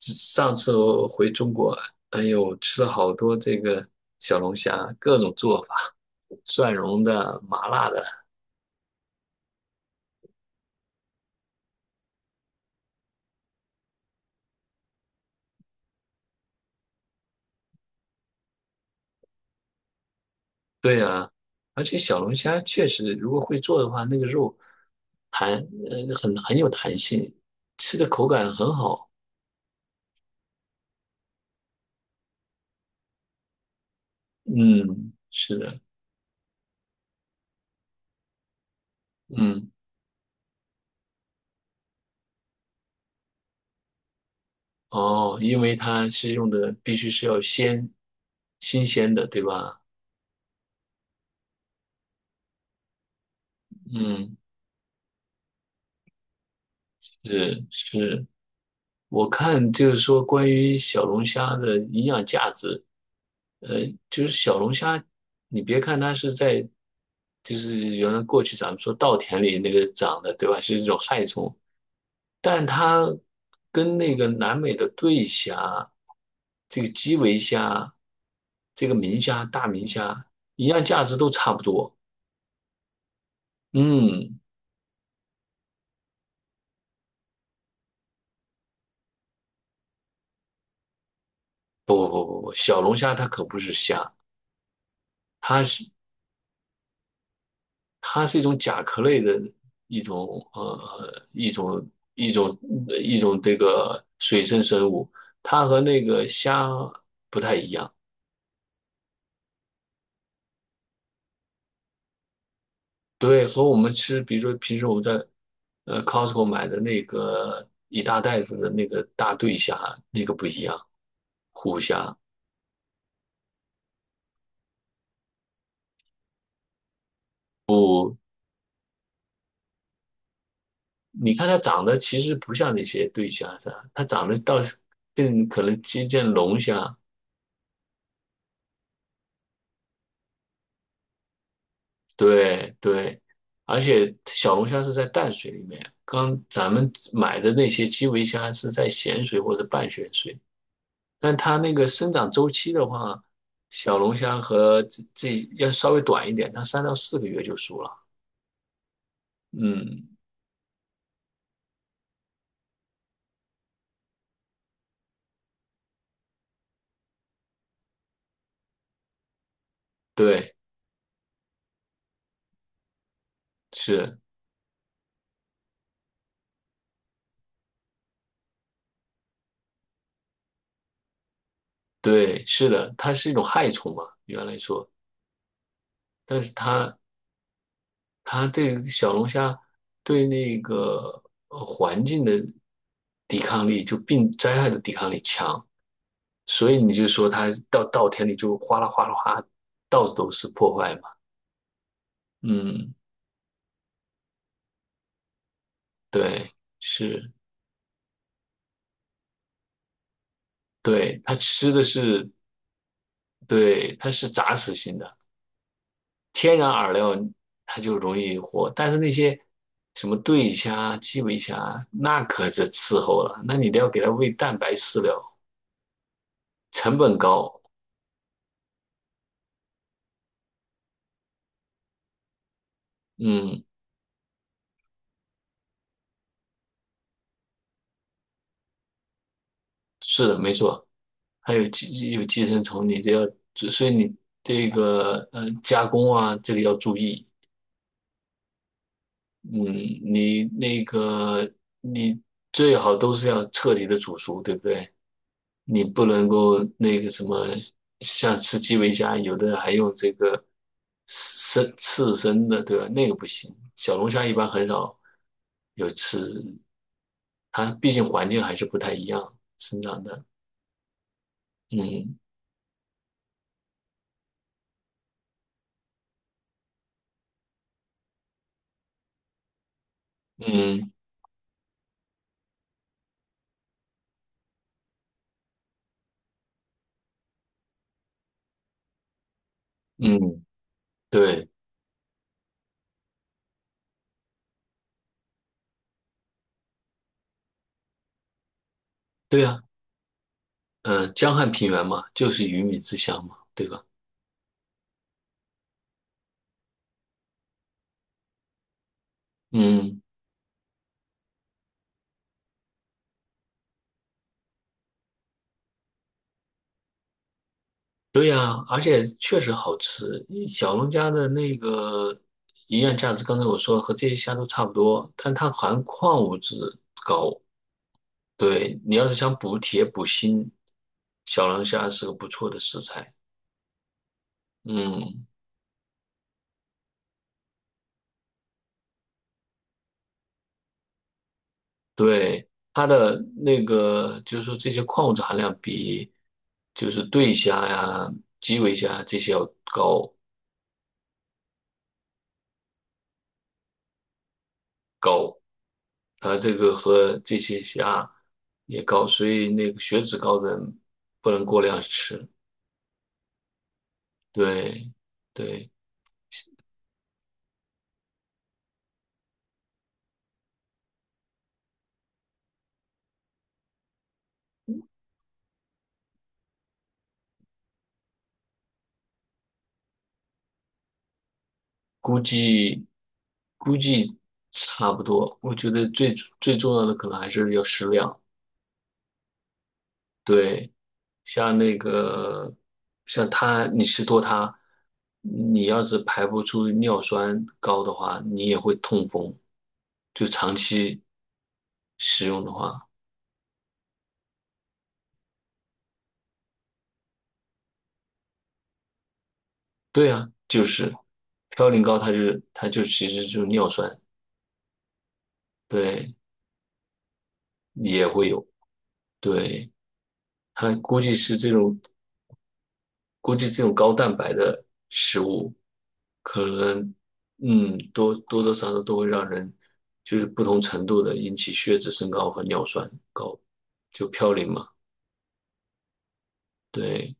上次我回中国，哎呦，吃了好多这个小龙虾，各种做法，蒜蓉的、麻辣的，对啊，而且小龙虾确实，如果会做的话，那个肉弹，很有弹性，吃的口感很好。嗯，是的，嗯，哦，因为它是用的必须是要鲜，新鲜的，对吧？嗯，是是。我看就是说关于小龙虾的营养价值，就是小龙虾，你别看它是在，就是原来过去咱们说稻田里那个长的，对吧？是一种害虫，但它跟那个南美的对虾、这个基围虾、这个明虾、大明虾营养价值都差不多。嗯，不不不不，小龙虾它可不是虾，它是它是一种甲壳类的一种呃一种一种一种这个水生生物，它和那个虾不太一样。对，和我们吃，比如说平时我们在Costco 买的那个一大袋子的那个大对虾，那个不一样，虎虾。你看它长得其实不像那些对虾啥，它长得倒是更可能接近龙虾，对对，而且小龙虾是在淡水里面，刚咱们买的那些基围虾是在咸水或者半咸水，但它那个生长周期的话，小龙虾和这要稍微短一点，它三到四个月就熟了。嗯，对，是，对，是的，它是一种害虫嘛，原来说，但是它这个小龙虾对那个环境的抵抗力，就病灾害的抵抗力强，所以你就说它到稻田里就哗啦哗啦哗，到处都是破坏嘛。嗯，对，是，对，它吃的是，对，它是杂食性的，天然饵料它就容易活，但是那些什么对虾、基围虾，那可是伺候了，那你得要给它喂蛋白饲料，成本高。嗯，是的，没错，还有寄生虫，你得要，所以你这个加工啊，这个要注意。嗯，你那个你最好都是要彻底的煮熟，对不对？你不能够那个什么，像吃基围虾，有的人还用这个生刺身的，对吧？那个不行。小龙虾一般很少有吃，它毕竟环境还是不太一样生长的。嗯嗯嗯，对对啊，嗯，江汉平原嘛，就是鱼米之乡嘛，对吧？嗯。对呀，而且确实好吃。小龙虾的那个营养价值，刚才我说了和这些虾都差不多，但它含矿物质。对，你要是想补铁补锌，小龙虾是个不错的食材。嗯，对，它的那个就是说这些矿物质含量比就是对虾呀、基围虾这些要高高，它这个和这些虾也高，所以那个血脂高的人不能过量吃。对对，估计估计差不多。我觉得最重要的可能还是要适量。对，像那个像它，你吃多它，你要是排不出尿酸高的话，你也会痛风。就长期使用的话，对啊，就是嘌呤高，它就其实就是尿酸，对，也会有，对，它估计这种高蛋白的食物，可能多多多少少都会让人就是不同程度的引起血脂升高和尿酸高，就嘌呤嘛。对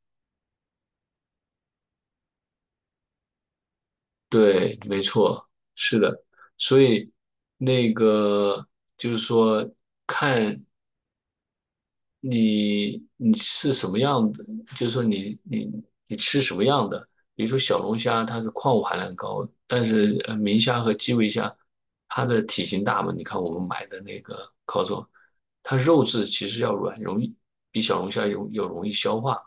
对，没错，是的。所以那个就是说，你是什么样的？就是说你吃什么样的？比如说小龙虾，它是矿物含量高，但是明虾和基围虾，它的体型大嘛？你看我们买的那个烤肉，它肉质其实要软，容易比小龙虾容易消化，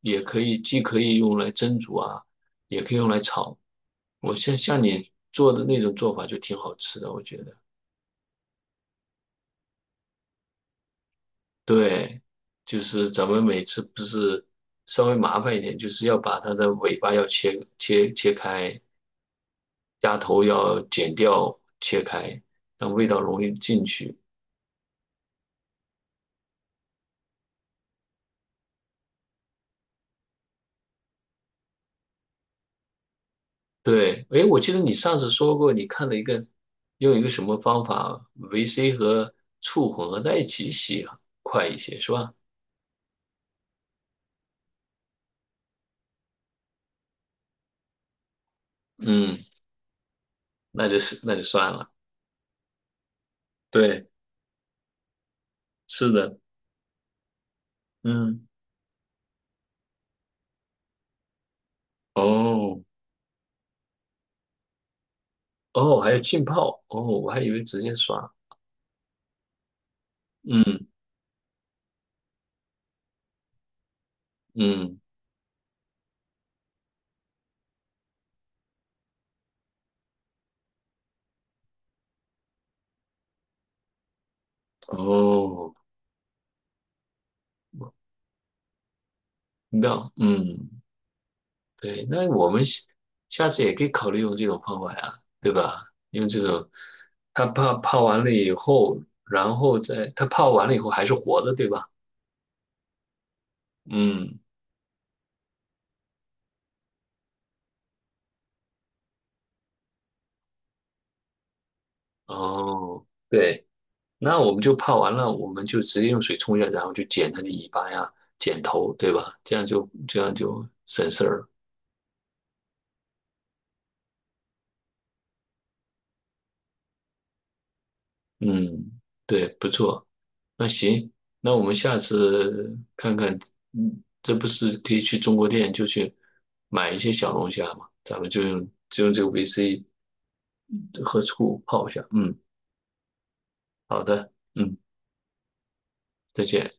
也可以既可以用来蒸煮啊，也可以用来炒。我像你做的那种做法就挺好吃的，我觉得。对，就是咱们每次不是稍微麻烦一点，就是要把它的尾巴要切开，鸭头要剪掉切开，让味道容易进去。对，诶，我记得你上次说过，你看了一个用一个什么方法，维C 和醋混合在一起洗快一些，是吧？嗯，那就算了。对，是的，嗯，哦哦，还有浸泡，哦，我还以为直接刷，嗯嗯。哦，那嗯，对，那我们下次也可以考虑用这种方法呀，对吧？用这种，他泡完了以后，然后再他泡完了以后还是活的，对吧？嗯，哦，对，那我们就泡完了，我们就直接用水冲一下，然后就剪它的尾巴呀，剪头，对吧？这样就省事儿了。嗯，对，不错。那行，那我们下次看看，嗯，这不是可以去中国店就去买一些小龙虾嘛？咱们就用这个 VC 和醋泡一下。嗯，好的，嗯，再见。